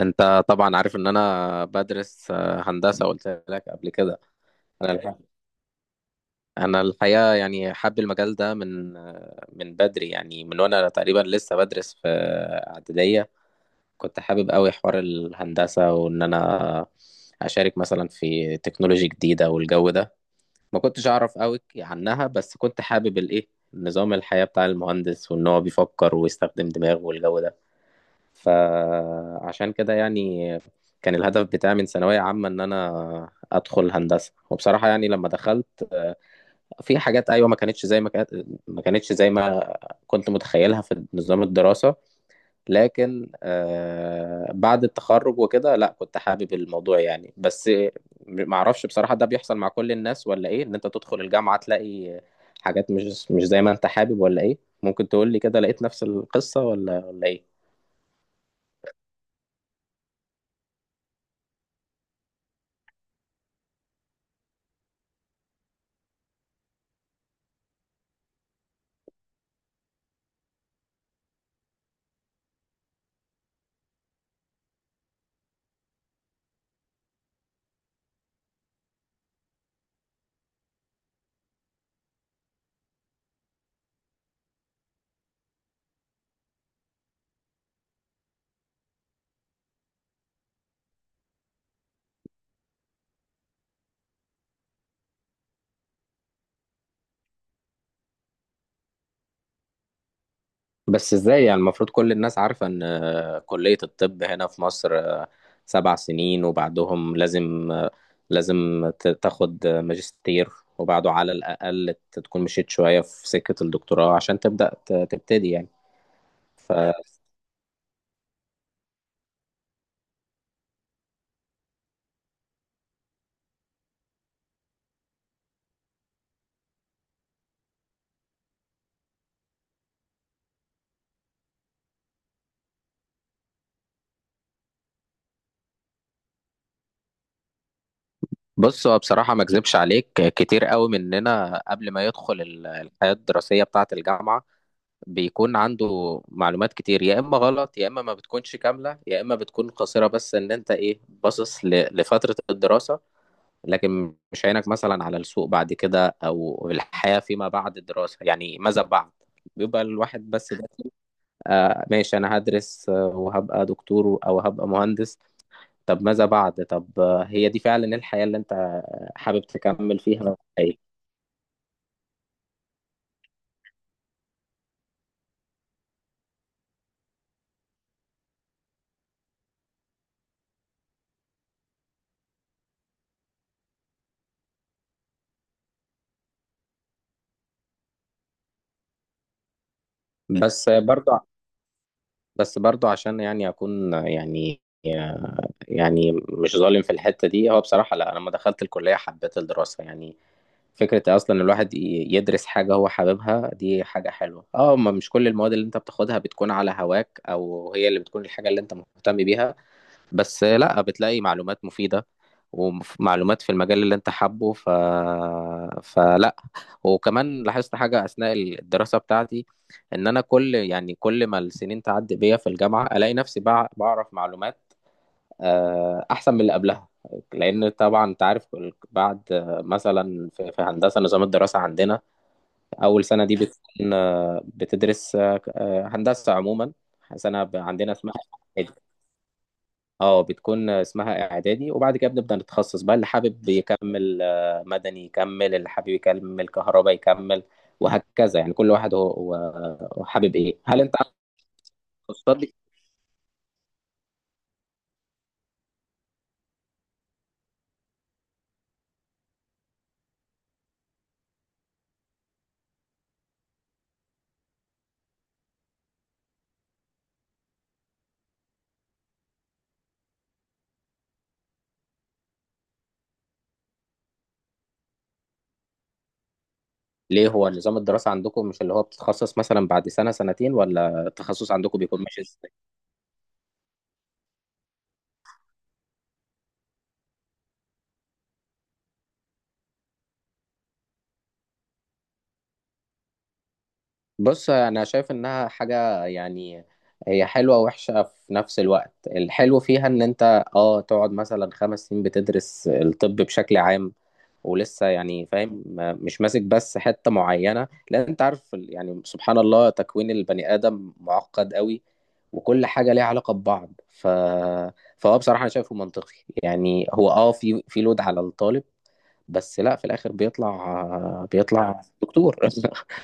انت طبعا عارف ان انا بدرس هندسه، قلت لك قبل كده. انا الح... انا الحقيقه يعني حابب المجال ده من من بدري، يعني من وانا تقريبا لسه بدرس في اعداديه. كنت حابب قوي حوار الهندسه وان انا اشارك مثلا في تكنولوجي جديده والجو ده. ما كنتش اعرف قوي عنها، بس كنت حابب الايه، نظام الحياه بتاع المهندس وان هو بيفكر ويستخدم دماغه والجو ده. فعشان كده يعني كان الهدف بتاعي من ثانوية عامة إن أنا أدخل هندسة. وبصراحة يعني لما دخلت في حاجات أيوة ما كانتش زي ما كانت، ما كانتش زي ما كنت متخيلها في نظام الدراسة. لكن بعد التخرج وكده، لا كنت حابب الموضوع يعني، بس معرفش بصراحة، ده بيحصل مع كل الناس ولا إيه؟ إن أنت تدخل الجامعة تلاقي حاجات مش زي ما أنت حابب ولا إيه؟ ممكن تقول لي كده، لقيت نفس القصة ولا إيه؟ بس ازاي؟ يعني المفروض كل الناس عارفة ان كلية الطب هنا في مصر 7 سنين، وبعدهم لازم، لازم تاخد ماجستير، وبعده على الأقل تكون مشيت شوية في سكة الدكتوراه عشان تبتدي يعني. فبص، هو بصراحة ما اكذبش عليك، كتير قوي مننا قبل ما يدخل الحياة الدراسية بتاعة الجامعة بيكون عنده معلومات كتير، يا إما غلط، يا إما ما بتكونش كاملة، يا إما بتكون قصيرة، بس إن أنت إيه باصص لفترة الدراسة، لكن مش عينك مثلا على السوق بعد كده او الحياة فيما بعد الدراسة، يعني ماذا بعد؟ بيبقى الواحد بس ده آه ماشي انا هدرس، وهبقى دكتور او هبقى مهندس. طب ماذا بعد؟ طب هي دي فعلا الحياة اللي انت حابب تكمل فيها، أي. بس برضو بس برضو عشان يعني اكون يعني، يعني مش ظالم في الحتة دي. هو بصراحة لا، انا لما دخلت الكلية حبيت الدراسة يعني. فكرة أصلا الواحد يدرس حاجة هو حاببها، دي حاجة حلوة. اه، ما مش كل المواد اللي انت بتاخدها بتكون على هواك أو هي اللي بتكون الحاجة اللي انت مهتم بيها. بس لا، بتلاقي معلومات مفيدة ومعلومات في المجال اللي انت حابه. فلا. وكمان لاحظت حاجة أثناء الدراسة بتاعتي، إن أنا كل ما السنين تعدي بيا في الجامعة ألاقي نفسي بعرف معلومات احسن من اللي قبلها. لان طبعا انت عارف، بعد مثلا في هندسه نظام الدراسه عندنا، اول سنه دي بتكون بتدرس هندسه عموما. عندنا اسمها إعدادي. اه، بتكون اسمها اعدادي وبعد كده بنبدا نتخصص بقى. اللي حابب يكمل مدني يكمل، اللي حابب يكمل كهرباء يكمل، وهكذا، يعني كل واحد هو حابب ايه. هل انت عندك تخصصات؟ ليه هو نظام الدراسة عندكم مش اللي هو بتتخصص مثلا بعد سنة سنتين، ولا التخصص عندكم بيكون ماشي؟ بص، انا شايف انها حاجه يعني هي حلوه ووحشه في نفس الوقت. الحلو فيها ان انت، اه، تقعد مثلا 5 سنين بتدرس الطب بشكل عام، ولسه يعني فاهم، مش ماسك بس حته معينه، لان انت عارف يعني سبحان الله تكوين البني ادم معقد قوي. وكل حاجه ليها علاقه ببعض. فهو بصراحه انا شايفه منطقي. يعني هو، اه، في لود على الطالب، بس لا، في الاخر بيطلع دكتور.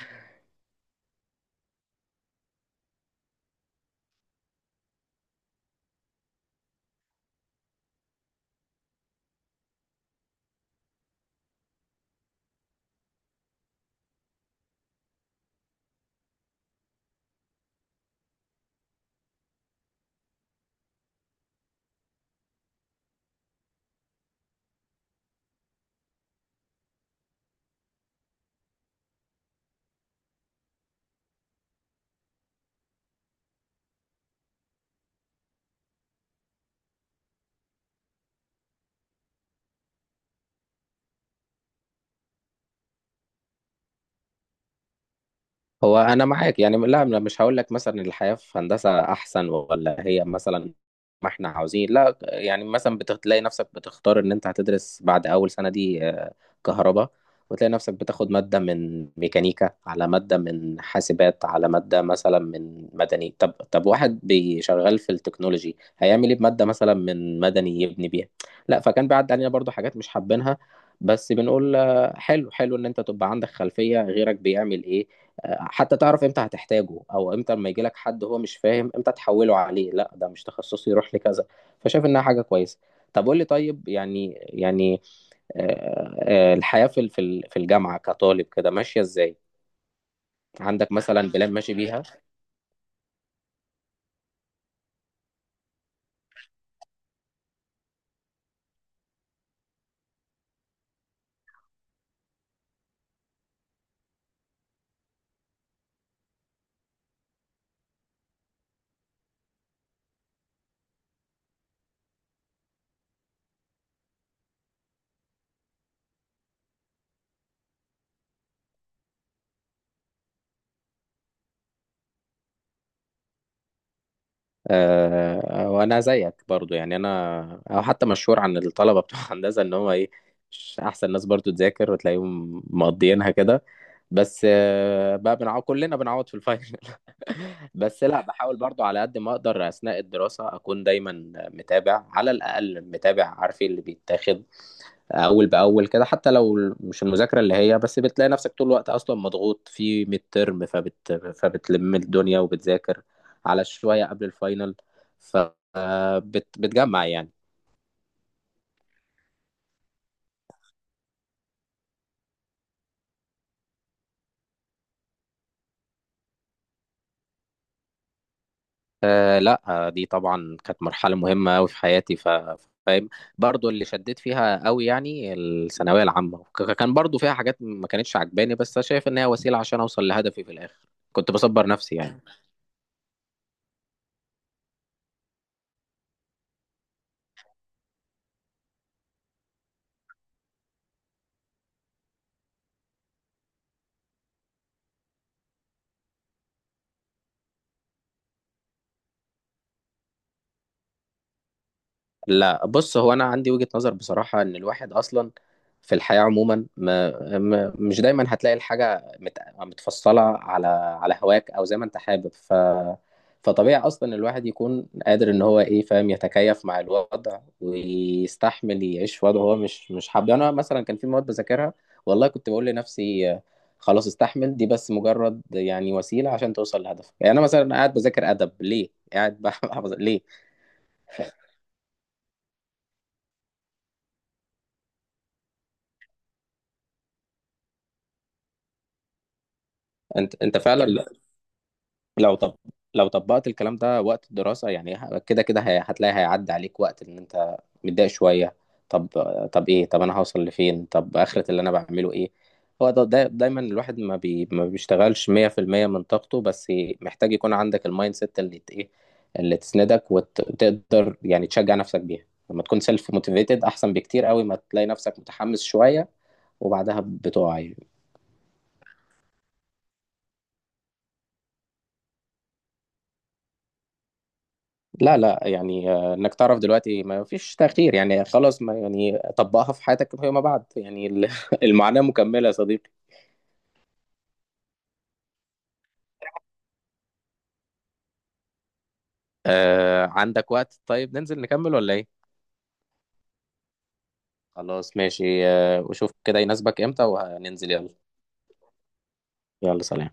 هو انا معاك يعني، لا أنا مش هقول لك مثلا الحياه في هندسه احسن ولا هي مثلا ما احنا عاوزين. لا يعني مثلا بتلاقي نفسك بتختار ان انت هتدرس بعد اول سنه دي كهرباء، وتلاقي نفسك بتاخد ماده من ميكانيكا، على ماده من حاسبات، على ماده مثلا من مدني. طب واحد بيشغل في التكنولوجي هيعمل ايه بماده مثلا من مدني؟ يبني بيها؟ لا، فكان بيعدي علينا برضو حاجات مش حابينها، بس بنقول حلو، حلو ان انت تبقى عندك خلفيه غيرك بيعمل ايه، حتى تعرف امتى هتحتاجه او امتى لما يجي لك حد هو مش فاهم امتى تحوله عليه، لا ده مش تخصصي يروح لكذا. فشايف انها حاجه كويسه. طب قول لي طيب، يعني الحياه في في الجامعه كطالب كده ماشيه ازاي؟ عندك مثلا بلان ماشي بيها؟ وانا زيك برضو يعني، انا او حتى مشهور عن الطلبه بتوع هندسه ان هم ايه، مش احسن ناس برضو تذاكر، وتلاقيهم مقضيينها كده، بس بقى بنعوض، كلنا بنعوض في الفاينل. بس لا، بحاول برضو على قد ما اقدر اثناء الدراسه اكون دايما متابع، على الاقل متابع عارف إيه اللي بيتاخد اول باول كده، حتى لو مش المذاكره اللي هي، بس بتلاقي نفسك طول الوقت اصلا مضغوط في ميد ترم، فبتلم الدنيا وبتذاكر على شويه قبل الفاينل، فبتجمع يعني. لا، دي طبعا كانت مرحله مهمه قوي في حياتي، فاهم. برضو اللي شديت فيها قوي يعني الثانويه العامه، كان برضو فيها حاجات ما كانتش عجباني، بس شايف ان هي وسيله عشان اوصل لهدفي في الاخر. كنت بصبر نفسي يعني. لا، بص هو انا عندي وجهة نظر بصراحة، ان الواحد اصلا في الحياة عموما مش دايما هتلاقي الحاجة متفصلة على هواك او زي ما انت حابب. فطبيعي اصلا الواحد يكون قادر ان هو ايه، فاهم، يتكيف مع الوضع ويستحمل يعيش في وضع هو مش حابه. يعني انا مثلا كان في مواد بذاكرها، والله كنت بقول لنفسي خلاص استحمل دي، بس مجرد يعني وسيلة عشان توصل لهدفك. يعني انا مثلا قاعد بذاكر ادب ليه؟ قاعد بحفظ ليه؟ انت فعلا، لو طب لو طبقت الكلام ده وقت الدراسة، يعني كده كده هتلاقي هيعدي عليك وقت ان انت متضايق شوية. طب طب ايه، طب انا هوصل لفين، طب اخرة اللي انا بعمله ايه؟ هو ده دايما الواحد ما بيشتغلش 100% من طاقته، بس محتاج يكون عندك المايند سيت اللي ت- ايه اللي تسندك وتقدر يعني تشجع نفسك بيها. لما تكون سيلف موتيفيتد احسن بكتير قوي، ما تلاقي نفسك متحمس شوية وبعدها بتقع يعني. لا لا يعني، انك تعرف دلوقتي ما فيش تأخير يعني، خلاص ما يعني طبقها في حياتك فيما بعد، يعني المعاناة مكملة يا صديقي. آه، عندك وقت؟ طيب ننزل نكمل ولا ايه؟ خلاص ماشي، آه وشوف كده يناسبك امتى وهننزل، يلا. يلا، سلام.